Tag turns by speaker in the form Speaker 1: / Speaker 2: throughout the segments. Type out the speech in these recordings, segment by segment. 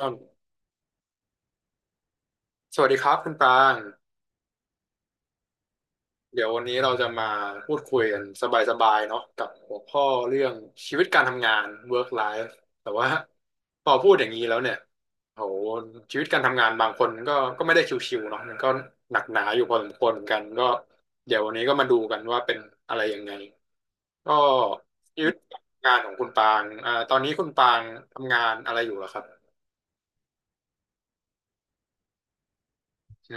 Speaker 1: ครับสวัสดีครับคุณปรางเดี๋ยววันนี้เราจะมาพูดคุยกันสบายๆเนาะกับหัวข้อเรื่องชีวิตการทำงาน work life แต่ว่าพอพูดอย่างนี้แล้วเนี่ยโหชีวิตการทำงานบางคนก็ไม่ได้ชิวๆเนาะมันก็หนักหนาอยู่พอสมควรเหมือนกันก็เดี๋ยววันนี้ก็มาดูกันว่าเป็นอะไรยังไงก็ชีวิตการทำงานของคุณปรางตอนนี้คุณปรางทำงานอะไรอยู่เหรอครับอื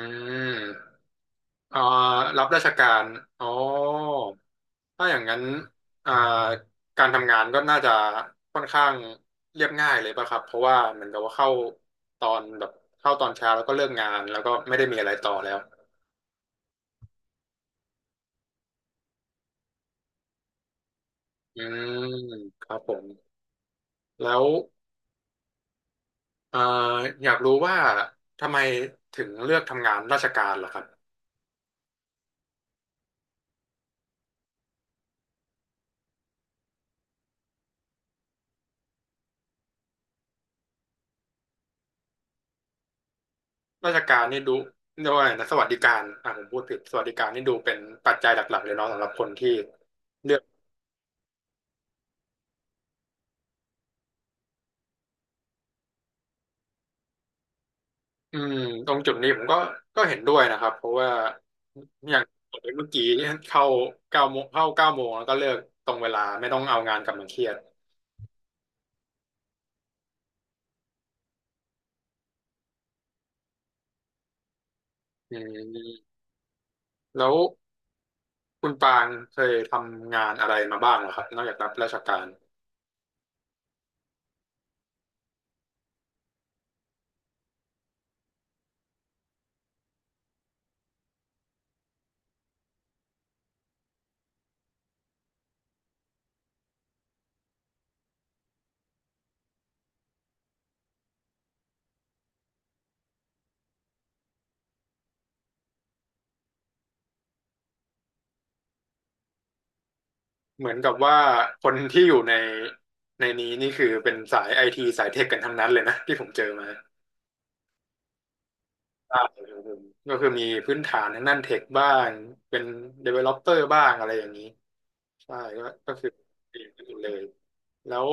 Speaker 1: มอ่ารับราชการอ๋อ ถ้าอย่างนั้นอ่าการทำงานก็น่าจะค่อนข้างเรียบง่ายเลยป่ะครับเพราะว่าเหมือนกับว่าเข้าตอนแบบเข้าตอนเช้าแล้วก็เลิกงานแล้วก็ไม่ได้มีอะไรต่อแล้วอืมครับผมแล้วเอ่ออยากรู้ว่าทำไมถึงเลือกทำงานราชการล่ะครับราชการนี่ดูเรียกว่าอะไรนะสวัสดิการอ่ะผมพูดผิดสวัสดิการนี่ดูเป็นปัจจัยหลักๆเลยเนาะสำหรับคนที่เลือก อืมตรงจุดนี้ผมก็เห็นด้วยนะครับเพราะว่าอย่างเมื่อกี้เข้าเก้าโมงเข้าเก้าโมงแล้วก็เลิกตรงเวลาไม่ต้องเอางานกลับมาเครียดอืมแล้วคุณปางเคยทำงานอะไรมาบ้างเหรอครับนอกจากรับราชการเหมือนกับว่าคนที่อยู่ในนี้นี่คือเป็นสายไอทีสายเทคกันทั้งนั้นเลยนะที่ผมเจอมาใช่ครับผมก็คือมีพื้นฐานทางด้านเทคบ้างเป็น developer บ้างอะไรอย่างนี้ ใช่ก็คือเองกันหมดเลยแล้ว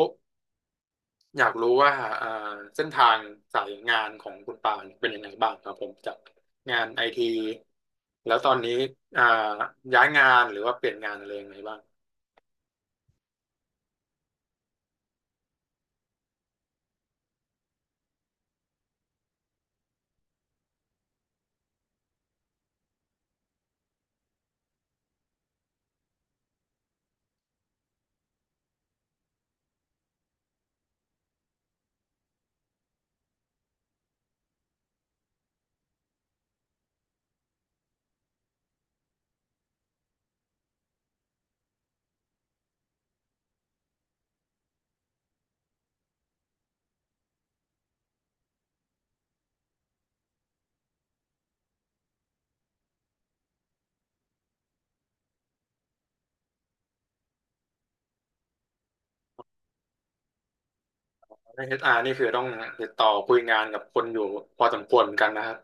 Speaker 1: อยากรู้ว่าอ่าเส้นทางสายงานของคุณปานเป็นยังไงบ้างครับผมจากงานไอทีแล้วตอนนี้อ่าย้ายงานหรือว่าเปลี่ยนงานอะไรยังไงบ้างในเอชอาร นี่คือต้องติดต่อคุยงานกับคนอยู่พอสมควรเหมือนกันนะครับ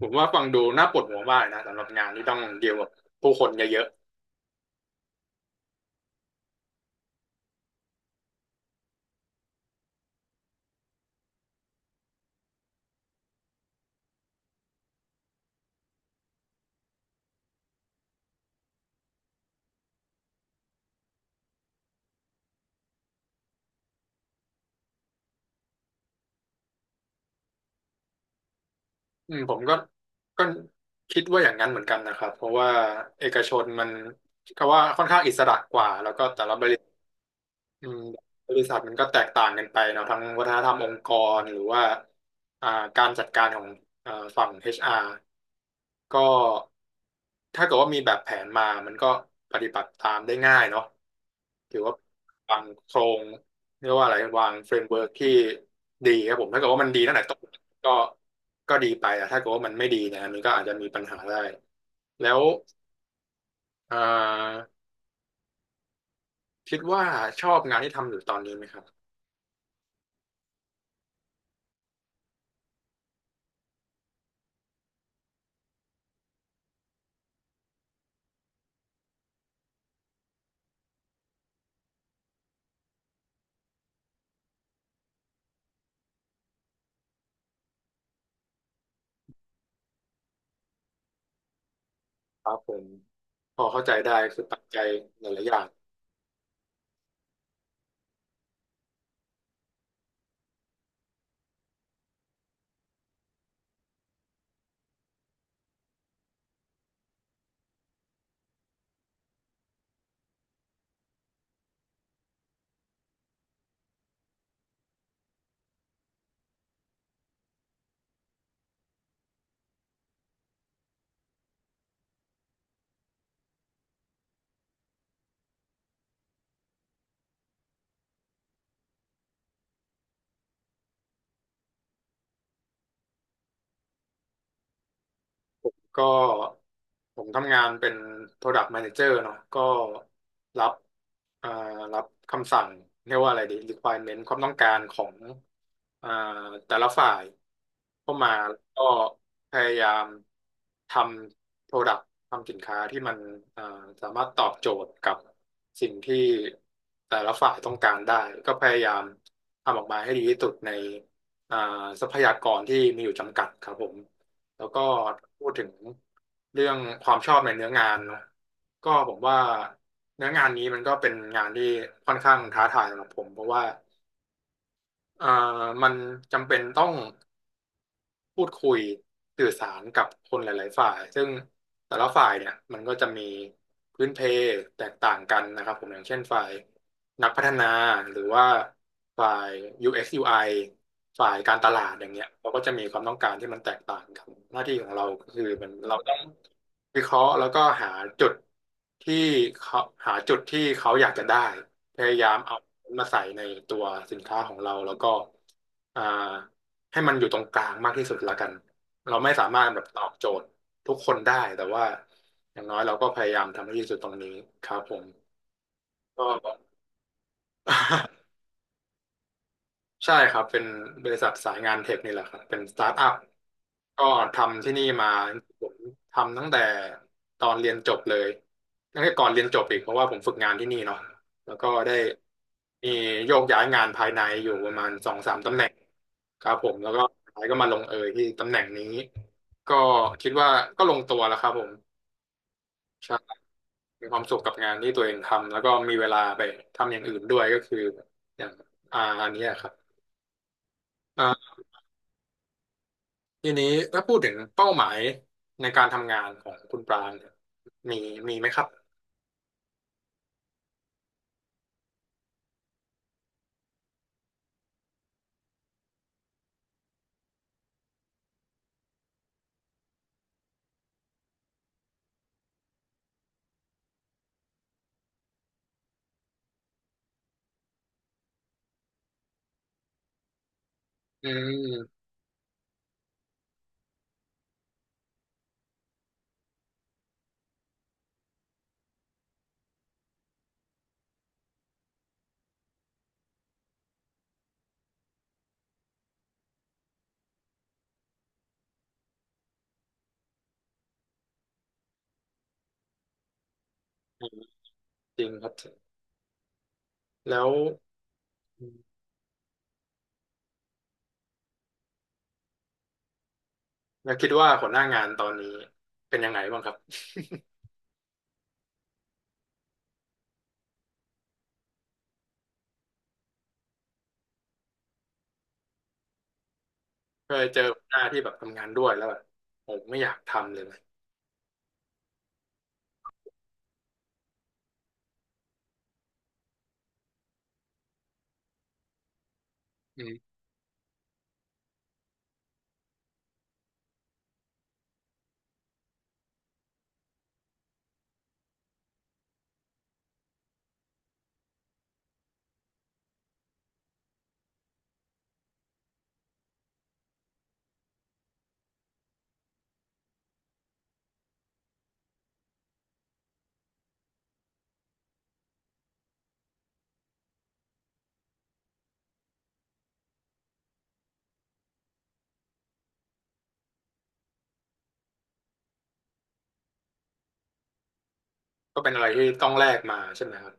Speaker 1: ผมว่าฟังดูน่าปวดหัวมากนะสำหรับงานที่ต้องเดีลกับผู้คนเยอะ อืมผมก็คิดว่าอย่างนั้นเหมือนกันนะครับเพราะว่าเอกชนมันก็ว่าค่อนข้างอิสระกว่าแล้วก็แต่ละบริษัทอืมบริษัทมันก็แตกต่างกันไปเนาะทั้งวัฒนธรรมองค์กรหรือว่าอ่าการจัดการของอ่าฝั่ง HR ก็ถ้าเกิดว่ามีแบบแผนมา มันก็ปฏิบัติตามได้ง่ายเนาะถือว่าวางโครงเรียกว่าอะไรวางเฟรมเวิร์กที่ดีครับผมถ้าเกิดว่ามันดีตั้งแต่ต้นก็ก็ดีไปแต่ถ้าเกิดว่ามันไม่ดีเนี่ยมันก็อาจจะมีปัญหาได้แล้วเอ่อคิดว่าชอบงานที่ทำอยู่ตอนนี้ไหมครับครับผมพอเข้าใจได้คือปัจจัยหลายๆอย่าง ก็ผมทำงานเป็น Product Manager เนาะก็รับอ่ารับคำสั่งเรียกว่าอะไรดี requirement ความต้องการของอ่าแต่ละฝ่ายเข้ามาแล้วก็พยายามทำ Product ทำสินค้าที่มันอ่าสามารถตอบโจทย์กับสิ่งที่แต่ละฝ่ายต้องการได้ก็พยายามทำออกมาให้ดีที่สุดในอ่าทรัพยากรที่มีอยู่จำกัดครับผม แล้วก็พูดถึงเรื่องความชอบในเนื้องานเนอะก็ผมว่าเนื้องานนี้มันก็เป็นงานที่ค่อนข้างท้าทายสำหรับผมเพราะว่าเอ่อมันจำเป็นต้อง พูดคุยสื่อสารกับคนหลายๆฝ่ายซึ่งแต่ละฝ่ายเนี่ยมันก็จะมีพื้นเพแตกต่างกันนะครับผมอย่างเช่นฝ่ายนักพัฒนาหรือว่าฝ่าย UX UI ฝ่ายการตลาดอย่างเงี้ยเราก็จะมีความต้องการที่มันแตกต่างกันหน้าที่ของเราก็คือมันเราต้องวิเคราะห์แล้วก็จุดที่เขาหาจุดที่เขาอยากจะได้พยายามเอามาใส่ในตัวสินค้าของเราแล้วก็อ่า ให้มันอยู่ตรงกลางมากที่สุดละกัน เราไม่สามารถแบบตอบโจทย์ทุกคนได้แต่ว่าอย่างน้อยเราก็พยายามทำให้ดีที่สุดตรงนี้ครับผมก็ ใช่ครับเป็นบริษัทสายงานเทคนี่แหละครับเป็นสตาร์ทอัพก็ทำที่นี่มาผมทำตั้งแต่ตอนเรียนจบเลยตั้งแต่ก่อนเรียนจบอีกเพราะว่าผมฝึกงานที่นี่เนาะแล้วก็ได้มีโยกย้ายงานภายในอยู่ประมาณสองสามตำแหน่งครับผมแล้วก็สุดท้ายก็มาลงเอยที่ตำแหน่งนี้ก็คิดว่าก็ลงตัวแล้วครับผมใช่มีความสุขกับงานที่ตัวเองทำแล้วก็มีเวลาไปทำอย่างอื่นด้วยก็คืออย่างอันเนี้ยครับ ทีนี้ถ้าพูดถึงเป้าหมายในการทำงานของคุณปรางเนี่ยมีมีไหมครับอืมอืมจริงครับแล้วแล้วคิดว่าหัวหน้างานตอนนี้เป็นยังไงบ้างครับเคยเจอหัวหน้าที่แบบทำงานด้วยแล้วแบบผมไม่อยากทำเลยนะอืมก็เป็นอะไรที่ต้องแลกมาใช่ไหมครับ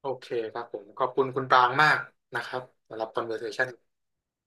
Speaker 1: โอเคครับผมขอบคุณคุณปรางมากนะครับสำหรับ conversation